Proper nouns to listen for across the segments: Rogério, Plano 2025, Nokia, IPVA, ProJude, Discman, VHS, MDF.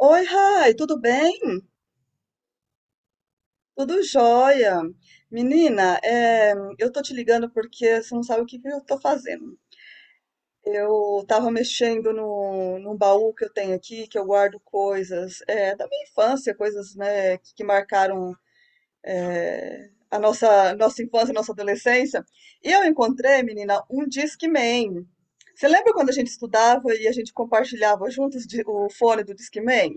Oi, Rai, tudo bem? Tudo jóia. Menina, eu tô te ligando porque você não sabe o que que eu tô fazendo. Eu tava mexendo no, num baú que eu tenho aqui, que eu guardo coisas é, da minha infância, coisas né, que marcaram a nossa infância, nossa adolescência. E eu encontrei, menina, um Discman. Você lembra quando a gente estudava e a gente compartilhava juntos o fone do Discman?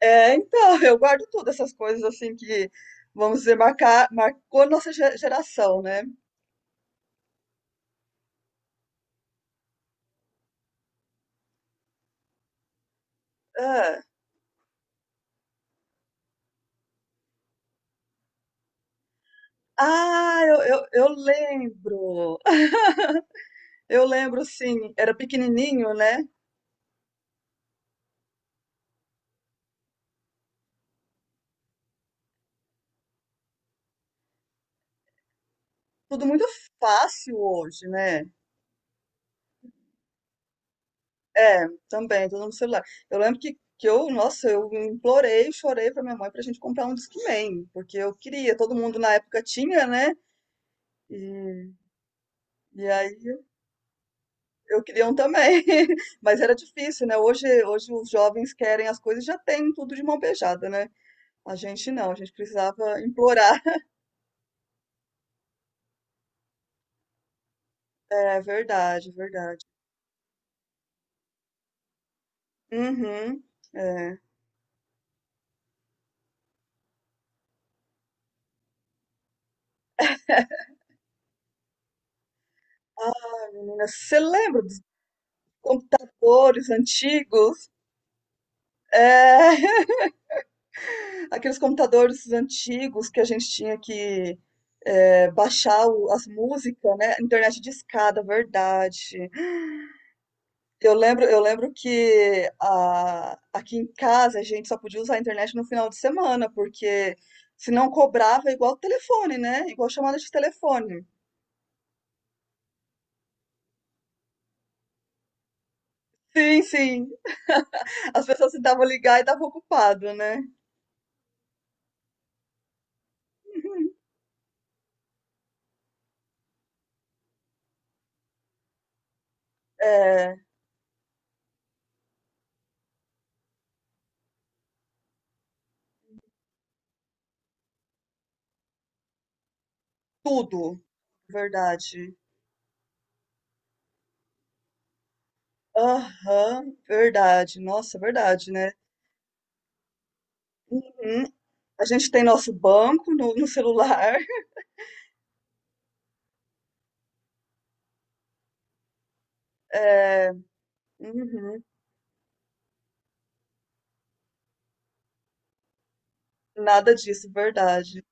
É, então, eu guardo tudo, essas coisas assim que, vamos dizer, marcou nossa geração, né? Ah, ah, eu lembro. Eu lembro, sim, era pequenininho, né? Tudo muito fácil hoje, né? É, também, tudo no celular. Eu lembro que eu, nossa, eu implorei, chorei pra minha mãe pra gente comprar um Discman, porque eu queria, todo mundo na época tinha, né? E, e aí eu queria um também, mas era difícil, né? Hoje os jovens querem as coisas e já têm tudo de mão beijada, né? A gente não, a gente precisava implorar. É verdade, é verdade. Uhum, é. Ah, menina, você lembra dos computadores antigos? É, aqueles computadores antigos que a gente tinha que é, baixar as músicas, né? Internet discada, verdade. Eu lembro que aqui em casa a gente só podia usar a internet no final de semana, porque se não cobrava é igual telefone, né? Igual chamada de telefone. Sim, sim. As pessoas tentavam ligar e estavam ocupado, né? É, tudo, verdade. Aham, verdade. Nossa, verdade, né? Uhum. A gente tem nosso banco no celular. É, uhum, nada disso, verdade.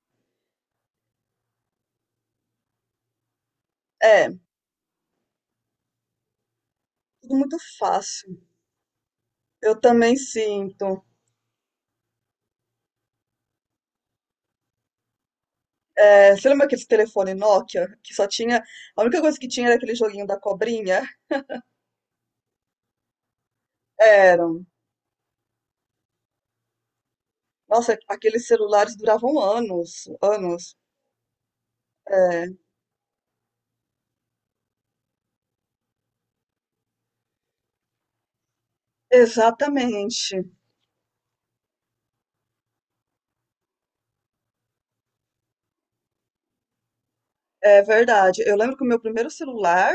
É, tudo muito fácil. Eu também sinto. É, você lembra aquele telefone Nokia que só tinha. A única coisa que tinha era aquele joguinho da cobrinha? Eram. Nossa, aqueles celulares duravam anos, anos. É, exatamente. É verdade. Eu lembro que o meu primeiro celular,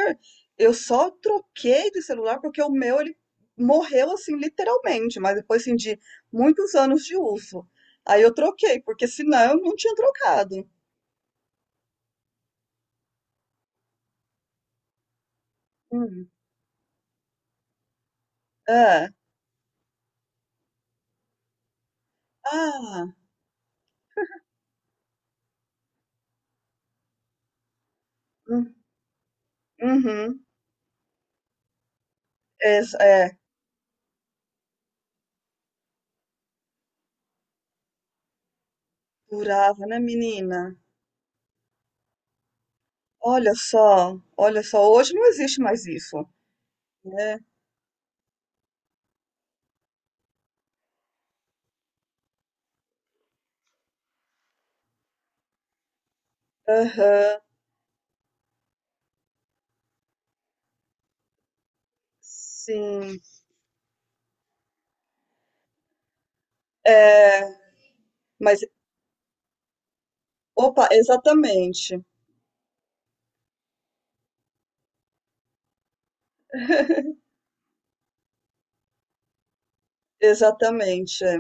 eu só troquei de celular porque o meu ele morreu assim, literalmente, mas depois assim, de muitos anos de uso. Aí eu troquei, porque senão eu não tinha trocado. Hum, é. Ah. Hum, uhum. É, curava, né, menina? Olha só, hoje não existe mais isso, né? Aham, sim. É, mas, opa, exatamente, exatamente. É.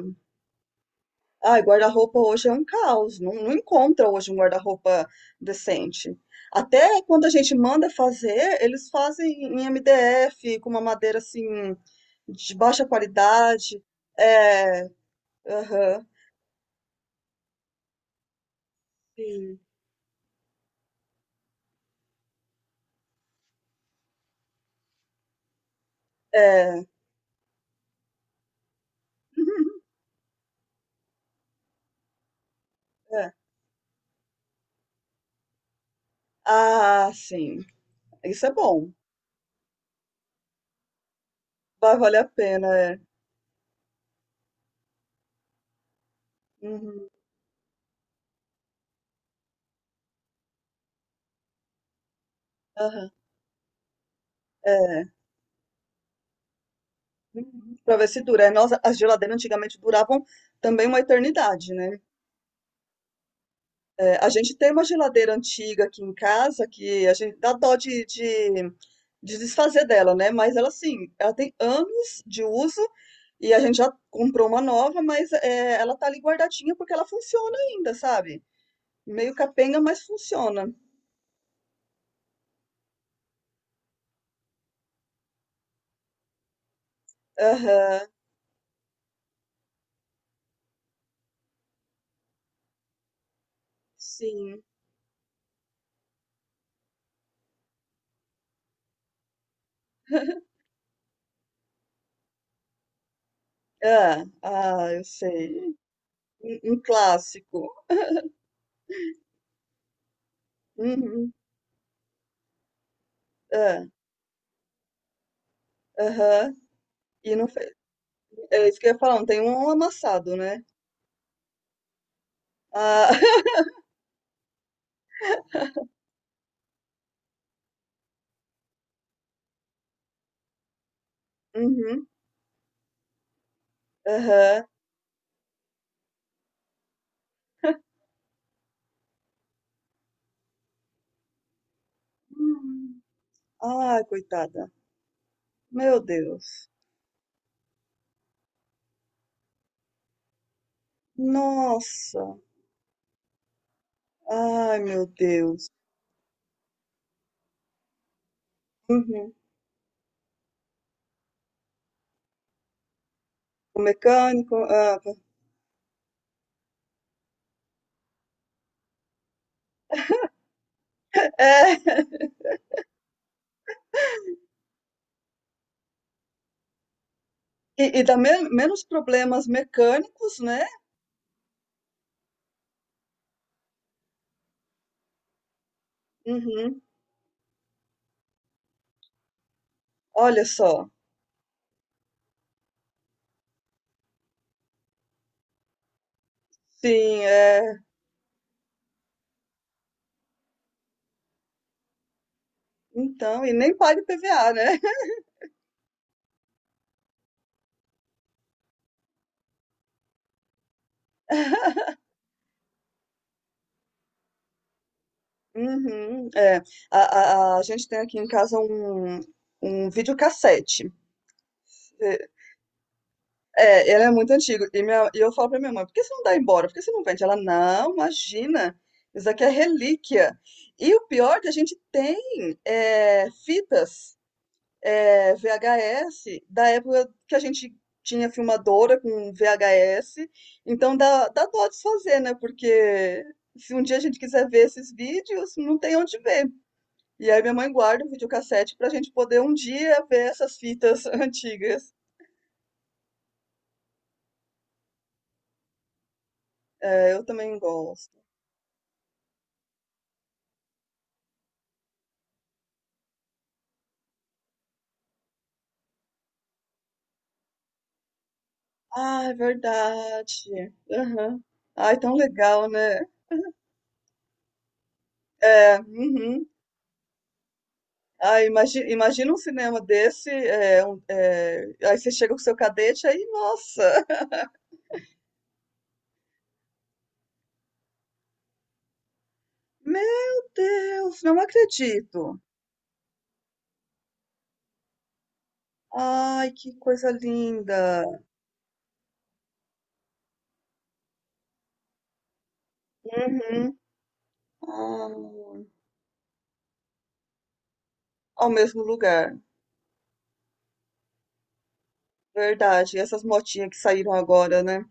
Ai, guarda-roupa hoje é um caos, não encontra hoje um guarda-roupa decente. Até quando a gente manda fazer, eles fazem em MDF, com uma madeira assim, de baixa qualidade. É, aham, sim, é. Ah, sim. Isso é bom. Vai valer a pena, é. Uhum, aham, é. Uhum. Pra ver se dura. É, nós, as geladeiras antigamente duravam também uma eternidade, né? É, a gente tem uma geladeira antiga aqui em casa que a gente dá dó de desfazer dela, né? Mas ela, assim, ela tem anos de uso e a gente já comprou uma nova, mas é, ela tá ali guardadinha porque ela funciona ainda, sabe? Meio capenga, mas funciona. Aham, sim. Hã. Ah, eu sei. Um um clássico. Uhum. Ah, aham. E não fe é isso que eu ia falar, não tem um amassado, né. Ah. Uhum. Aham. Hum. Ai, coitada. Meu Deus. Nossa. Ai, meu Deus. Uhum. O mecânico ah, é. E dá menos problemas mecânicos, né. Uhum. Olha só. Sim, é. Então, e nem paga IPVA, né. Uhum, é. A gente tem aqui em casa um videocassete. É, é, ele é muito antigo. E, minha, e eu falo pra minha mãe, por que você não dá embora? Por que você não vende? Ela, não, imagina, isso aqui é relíquia. E o pior é que a gente tem é, fitas é, VHS da época que a gente tinha filmadora com VHS. Então dá dó desfazer, né? Porque se um dia a gente quiser ver esses vídeos, não tem onde ver. E aí minha mãe guarda o videocassete pra gente poder um dia ver essas fitas antigas. É, eu também gosto. Ah, é verdade. Aham. Ai, tão legal, né? É, uhum. Ai, imagina, imagina um cinema desse, é, aí você chega com seu cadete, aí, nossa, meu Deus, não acredito. Ai, que coisa linda. Uhum. Ah, ao mesmo lugar, verdade. E essas motinhas que saíram agora, né?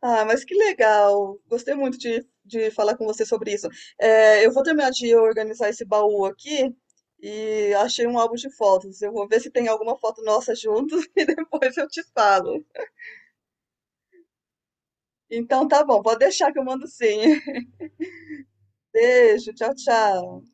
Ah, mas que legal! Gostei muito de falar com você sobre isso. É, eu vou terminar de organizar esse baú aqui e achei um álbum de fotos. Eu vou ver se tem alguma foto nossa juntos e depois eu te falo. Então tá bom, pode deixar que eu mando sim. Beijo, tchau, tchau.